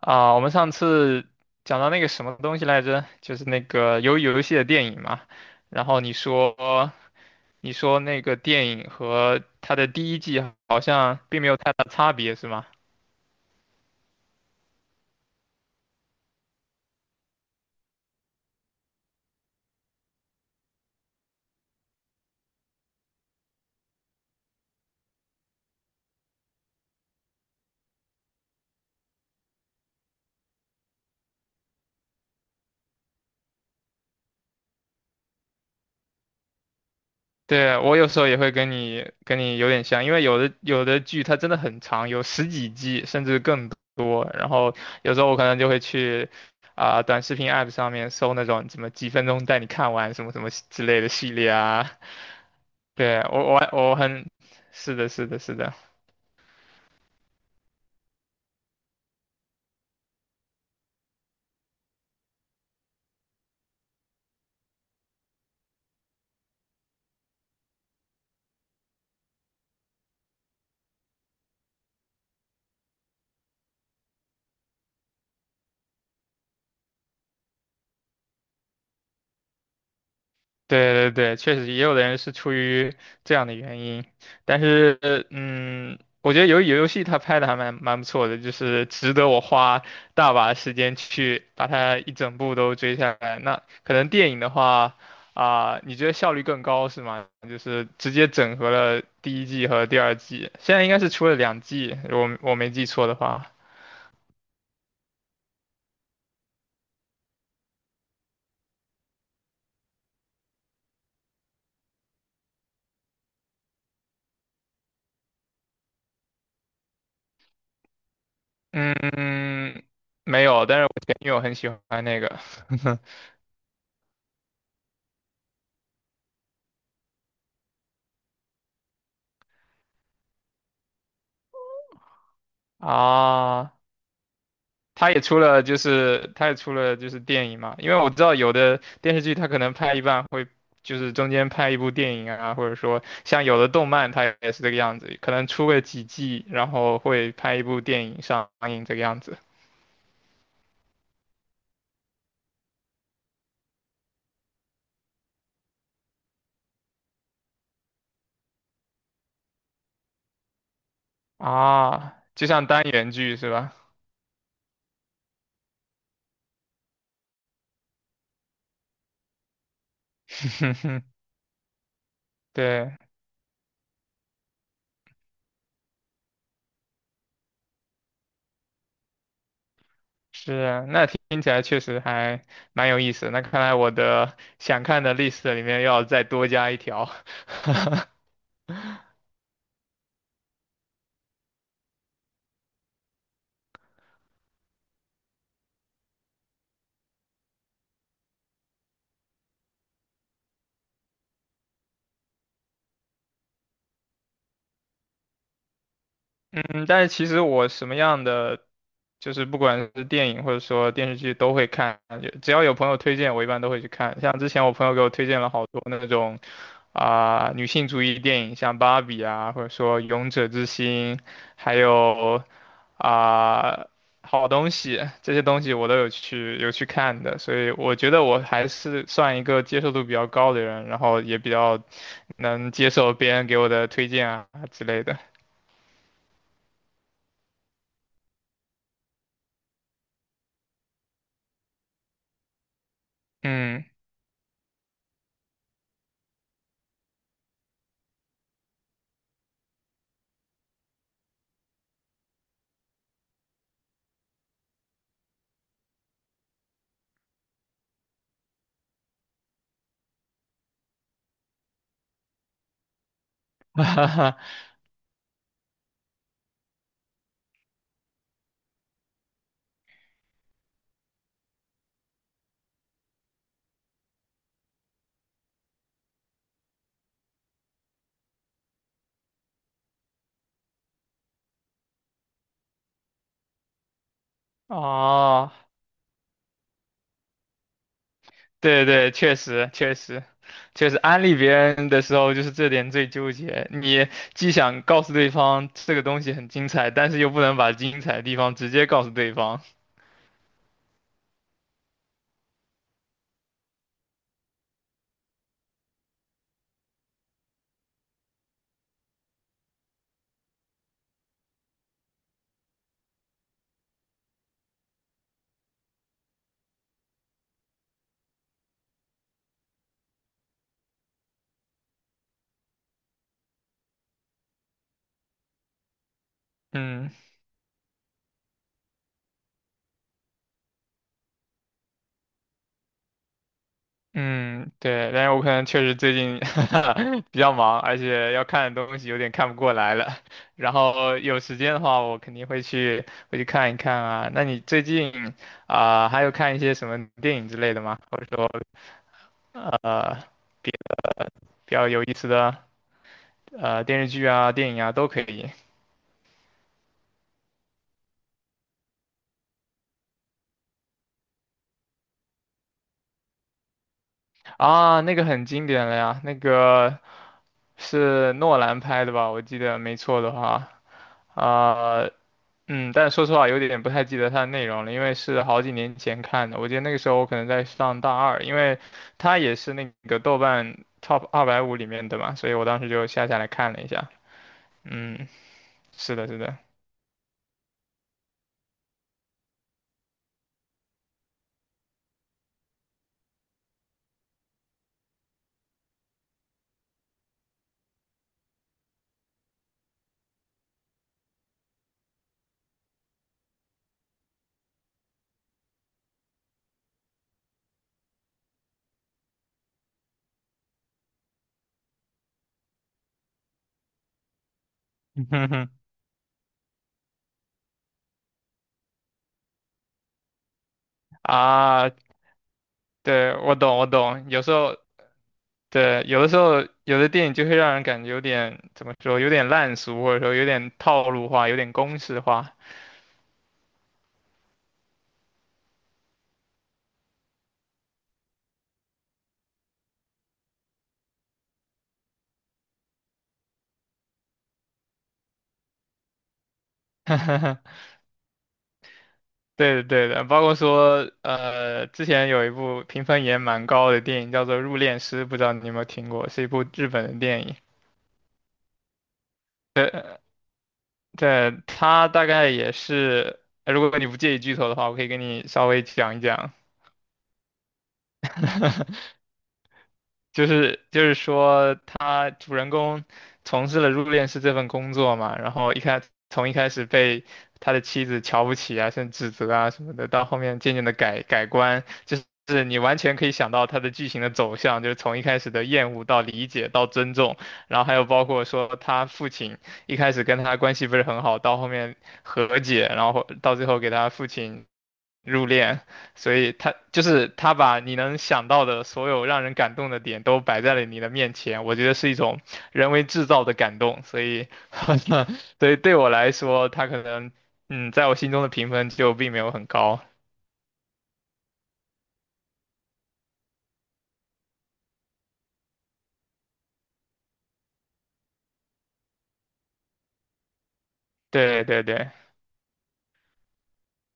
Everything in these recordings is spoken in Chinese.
啊，我们上次讲到那个什么东西来着？就是那个鱿鱼游戏的电影嘛。然后你说那个电影和它的第一季好像并没有太大差别，是吗？对，我有时候也会跟你有点像，因为有的剧它真的很长，有十几季甚至更多。然后有时候我可能就会去短视频 app 上面搜那种什么几分钟带你看完什么什么之类的系列啊。对，我我我很，是的，是的，是的，对对对，确实也有的人是出于这样的原因，但是我觉得由于游戏它拍的还蛮不错的，就是值得我花大把时间去把它一整部都追下来。那可能电影的话，你觉得效率更高是吗？就是直接整合了第一季和第二季，现在应该是出了两季，我没记错的话。嗯。没有，但是我前女友很喜欢那个 啊，她也出了就是电影嘛，因为我知道有的电视剧它可能拍一半会就是中间拍一部电影啊，或者说像有的动漫它也是这个样子，可能出个几季，然后会拍一部电影上映这个样子。啊，就像单元剧是吧？对。是啊，那听起来确实还蛮有意思的。那看来我的想看的 list 里面要再多加一条。嗯，但是其实我什么样的，就是不管是电影或者说电视剧都会看，就只要有朋友推荐，我一般都会去看。像之前我朋友给我推荐了好多那种女性主义电影，像《芭比》啊，或者说《勇者之心》，还有啊、好东西，这些东西我都有去看的，所以我觉得我还是算一个接受度比较高的人，然后也比较能接受别人给我的推荐啊之类的。嗯。哦，对对，确实确实确实，安利别人的时候就是这点最纠结。你既想告诉对方这个东西很精彩，但是又不能把精彩的地方直接告诉对方。嗯嗯，对，但是我可能确实最近 比较忙，而且要看的东西有点看不过来了。然后有时间的话，我肯定会去看一看啊。那你最近啊，还有看一些什么电影之类的吗？或者说呃。比较有意思的电视剧啊、电影啊都可以。啊，那个很经典了呀，那个是诺兰拍的吧？我记得没错的话，啊、但说实话有点不太记得它的内容了，因为是好几年前看的。我记得那个时候我可能在上大二，因为它也是那个豆瓣 Top 250里面的嘛，所以我当时就下下来看了一下。嗯，是的，是的。啊，对，我懂，我懂。有时候对，有的时候有的电影就会让人感觉有点怎么说，有点烂俗，或者说有点套路化，有点公式化。对的，对的，包括说，之前有一部评分也蛮高的电影叫做《入殓师》，不知道你有没有听过，是一部日本的电影。对，它大概也是，如果你不介意剧透的话，我可以给你稍微讲一讲。就是说，他主人公从事了入殓师这份工作嘛，然后从一开始被他的妻子瞧不起啊，甚至指责啊什么的，到后面渐渐的改观，就是是你完全可以想到他的剧情的走向，就是从一开始的厌恶到理解到尊重，然后还有包括说他父亲一开始跟他关系不是很好，到后面和解，然后到最后给他父亲入殓，所以他就是他把你能想到的所有让人感动的点都摆在了你的面前，我觉得是一种人为制造的感动，所以，所以对我来说，他可能在我心中的评分就并没有很高。对对对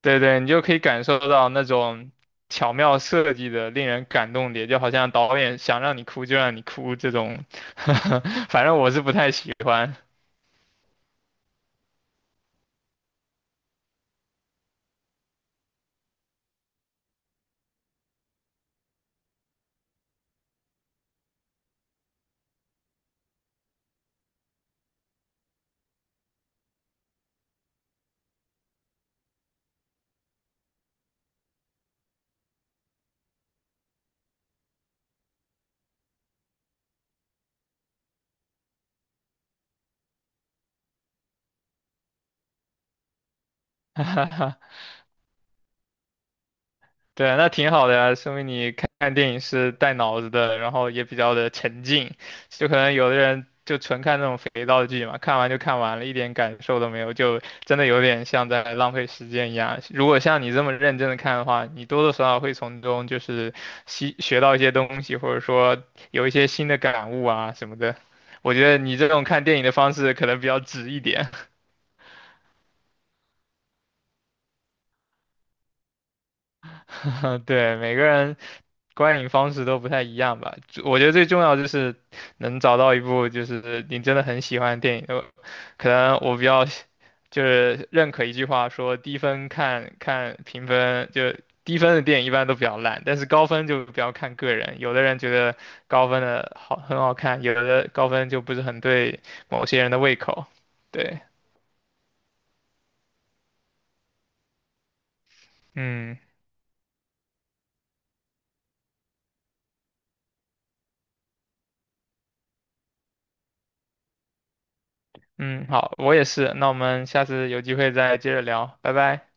对对，你就可以感受到那种巧妙设计的令人感动点，就好像导演想让你哭就让你哭这种，反正我是不太喜欢。对，那挺好的呀，说明你看看电影是带脑子的，然后也比较的沉浸。就可能有的人就纯看那种肥皂剧嘛，看完就看完了，一点感受都没有，就真的有点像在浪费时间一样。如果像你这么认真的看的话，你多多少少会从中就是学到一些东西，或者说有一些新的感悟啊什么的。我觉得你这种看电影的方式可能比较直一点，对，每个人观影方式都不太一样吧。就我觉得最重要就是能找到一部就是你真的很喜欢的电影。可能我比较喜就是认可一句话说，低分看看评分，就低分的电影一般都比较烂，但是高分就比较看个人。有的人觉得高分的很好看，有的高分就不是很对某些人的胃口。对，嗯嗯，好，我也是。那我们下次有机会再接着聊，拜拜。